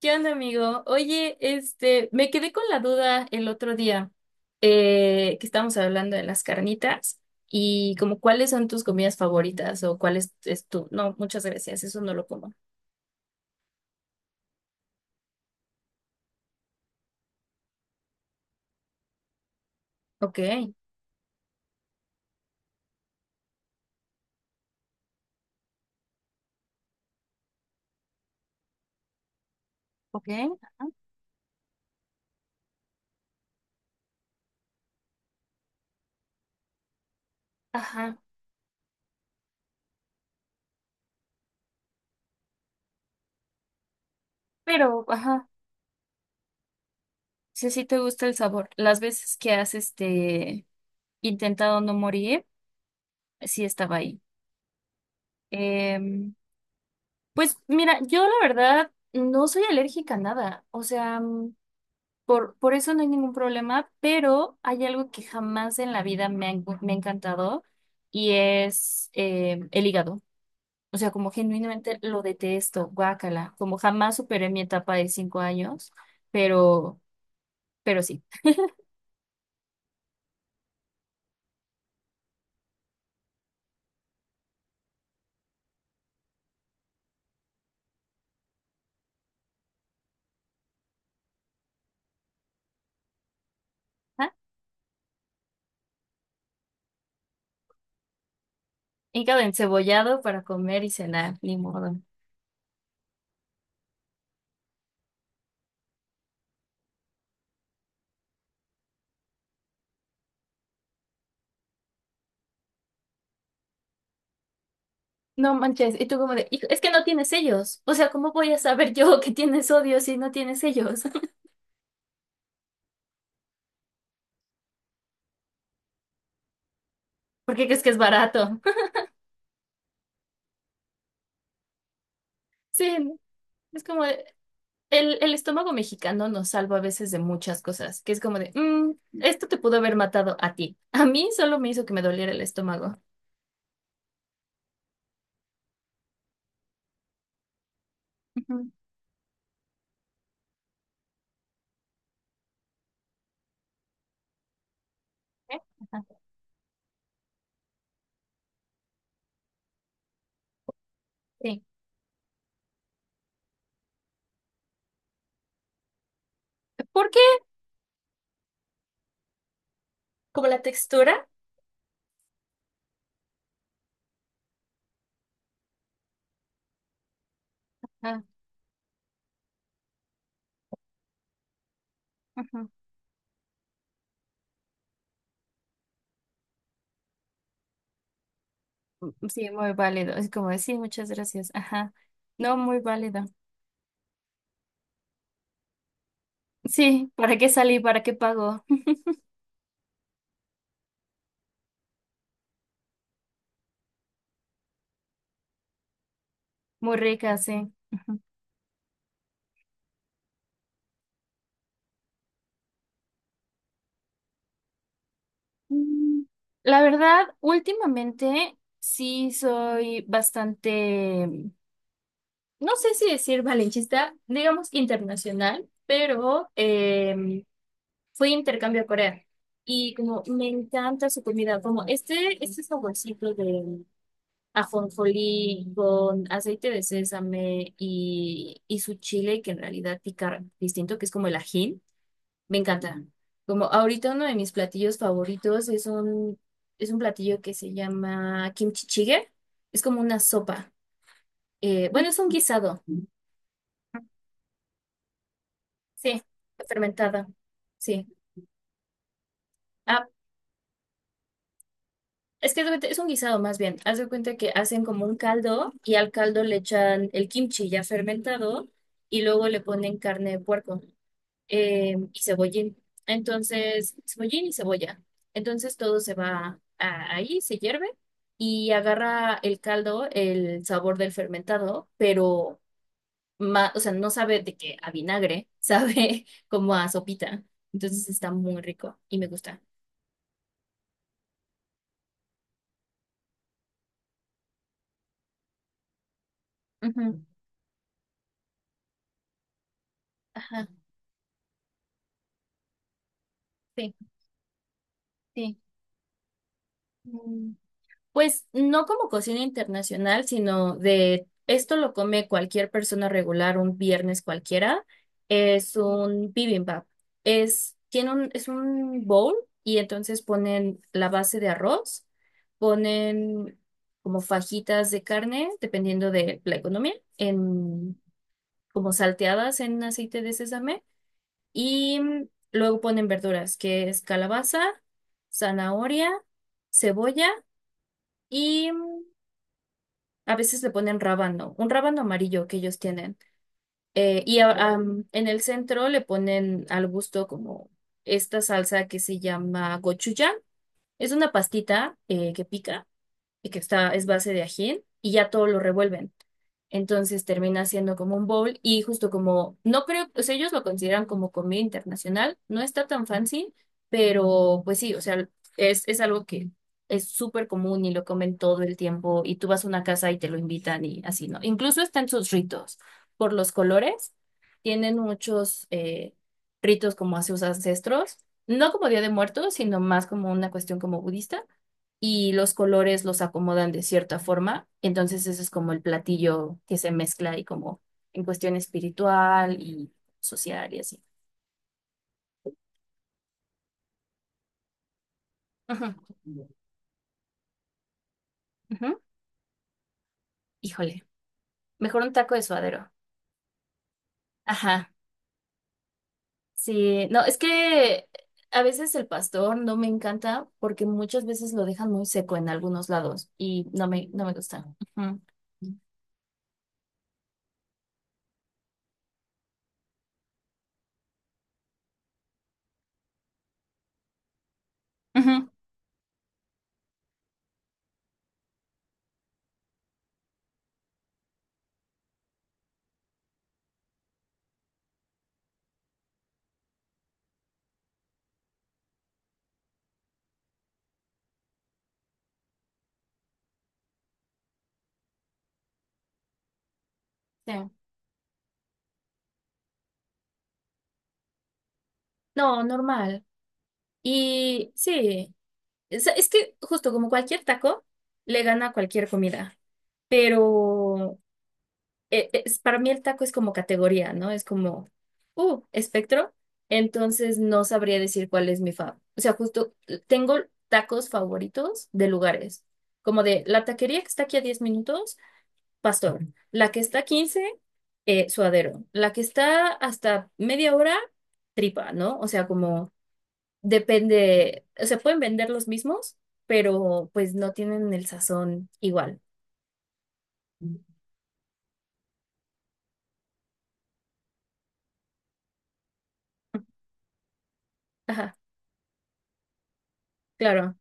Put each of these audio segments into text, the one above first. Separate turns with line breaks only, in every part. ¿Qué onda, amigo? Oye, este, me quedé con la duda el otro día, que estábamos hablando de las carnitas y como cuáles son tus comidas favoritas o cuál es tu... No, muchas gracias, eso no lo como. Ok. Ok, ajá. Pero, ajá, si sí te gusta el sabor. Las veces que has, este, intentado no morir, sí estaba ahí. Em, pues mira, yo la verdad no soy alérgica a nada. O sea... Por eso no hay ningún problema, pero hay algo que jamás en la vida me ha encantado y es el hígado. O sea, como genuinamente lo detesto, guácala, como jamás superé mi etapa de 5 años, pero, pero sí. Ajá. Hígado encebollado para comer y cenar, ni modo. No manches, y tú como de, "Hijo, es que no tienes sellos. O sea, ¿cómo voy a saber yo que tienes sodio si no tienes sellos? ¿Por qué crees que es barato? Sí, es como, el estómago mexicano nos salva a veces de muchas cosas, que es como de, "Mm, esto te pudo haber matado a ti. A mí solo me hizo que me doliera el estómago. Ujú. ¿Eh? Ajá. Sí. ¿Por qué? Como la textura. Ah, ujú. Mm, sí, muy válido. Es como de, sí, muchas gracias. Ajá. No, muy válido. Sí, ¿para qué salí? ¿Para qué pago? Muy rica, sí. Ujú. Mm, La verdad, últimamente sí soy bastante, no sé si decir valencista, digamos internacional, pero fui a intercambio a Corea y como me encanta su comida, como este saborcito de ajonjolí con aceite de sésame y su chile que en realidad pica distinto, que es como el ají, me encanta. Como ahorita uno de mis platillos favoritos es un, platillo que se llama kimchi jjigae, es como una sopa. Bueno, es un guisado. Sí, fermentada. Sí. Ah, es que es un guisado más bien. Haz de cuenta que hacen como un caldo y al caldo le echan el kimchi ya fermentado y luego le ponen carne de puerco y cebollín. Entonces, cebollín y cebolla. Entonces todo ahí, se hierve y agarra el caldo el sabor del fermentado, pero o sea, no sabe de que a vinagre, sabe como a sopita. Entonces está muy rico y me gusta. Ajá, sí, sí. Mm, Pues no como cocina internacional, sino de esto lo come cualquier persona regular un viernes cualquiera. Es un bibimbap. Es un bowl y entonces ponen la base de arroz, ponen como fajitas de carne, dependiendo de la economía, en, como salteadas en aceite de sésamo. Y luego ponen verduras, que es calabaza, zanahoria, cebolla y a veces le ponen rábano, un rábano amarillo que ellos tienen. Y En el centro le ponen al gusto como esta salsa que se llama gochujang. Es una pastita que pica y que está, es base de ají, y ya todo lo revuelven. Entonces termina siendo como un bowl y justo como, no creo, o sea, ellos lo consideran como comida internacional, no está tan fancy, pero pues sí, o sea, es algo que es súper común y lo comen todo el tiempo y tú vas a una casa y te lo invitan y así, ¿no? Incluso está en sus ritos, por los colores, tienen muchos ritos como a sus ancestros, no como Día de Muertos, sino más como una cuestión como budista y los colores los acomodan de cierta forma. Entonces ese es como el platillo que se mezcla y como en cuestión espiritual y social y así. Ujú, ujú. Híjole, mejor un taco de suadero. Ajá, sí, no, es que a veces el pastor no me encanta porque muchas veces lo dejan muy seco en algunos lados y no me, no me gusta. Ujú. Ujú, sí. No, normal. Y sí. Es que justo como cualquier taco, le gana a cualquier comida, pero para mí el taco es como categoría, ¿no? Es como, espectro, entonces no sabría decir cuál es mi fav. O sea, justo tengo tacos favoritos de lugares, como de la taquería que está aquí a 10 minutos, pastor, la que está a 15, suadero, la que está hasta media hora, tripa, ¿no? O sea, como... Depende, o sea, pueden vender los mismos, pero pues no tienen el sazón igual. Ajá, claro,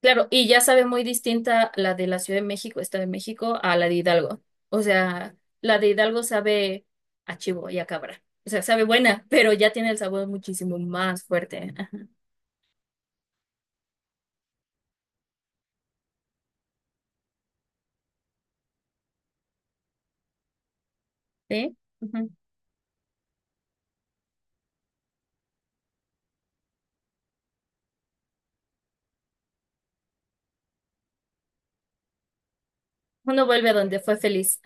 claro. Y ya sabe muy distinta la de la Ciudad de México, Estado de México, a la de Hidalgo. O sea, la de Hidalgo sabe a chivo y a cabra. O sea, sabe buena, pero ya tiene el sabor muchísimo más fuerte. Ajá, ¿sí? Ujú. Uno vuelve a donde fue feliz.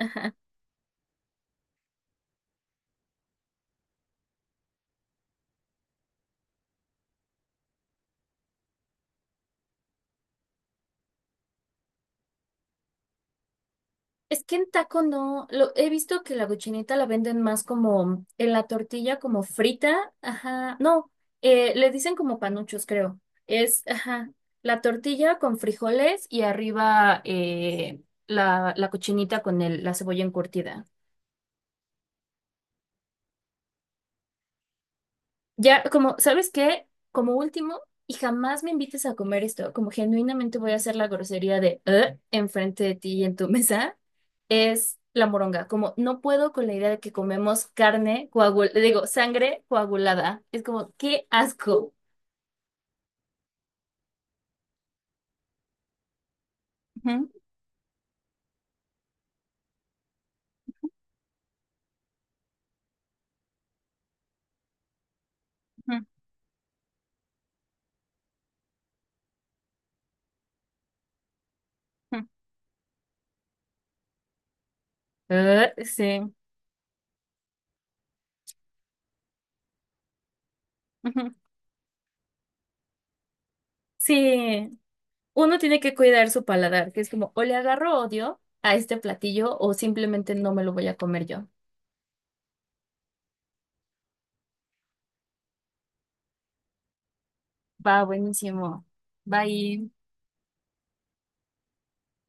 Es que en taco no, he visto que la cochinita la venden más como en la tortilla, como frita, ajá, no, le dicen como panuchos, creo. Es, ajá, la tortilla con frijoles y arriba la, la cochinita con el, la cebolla encurtida. Ya, como, ¿sabes qué? Como último, y jamás me invites a comer esto, como genuinamente voy a hacer la grosería de enfrente de ti y en tu mesa, es la moronga. Como no puedo con la idea de que comemos carne coagulada, digo, sangre coagulada. Es como, qué asco. Ujú, ujú, ujú, sí. Ujú. Sí, uno tiene que cuidar su paladar, que es como, o le agarro odio a este platillo o simplemente no me lo voy a comer yo. Va, buenísimo. Bye.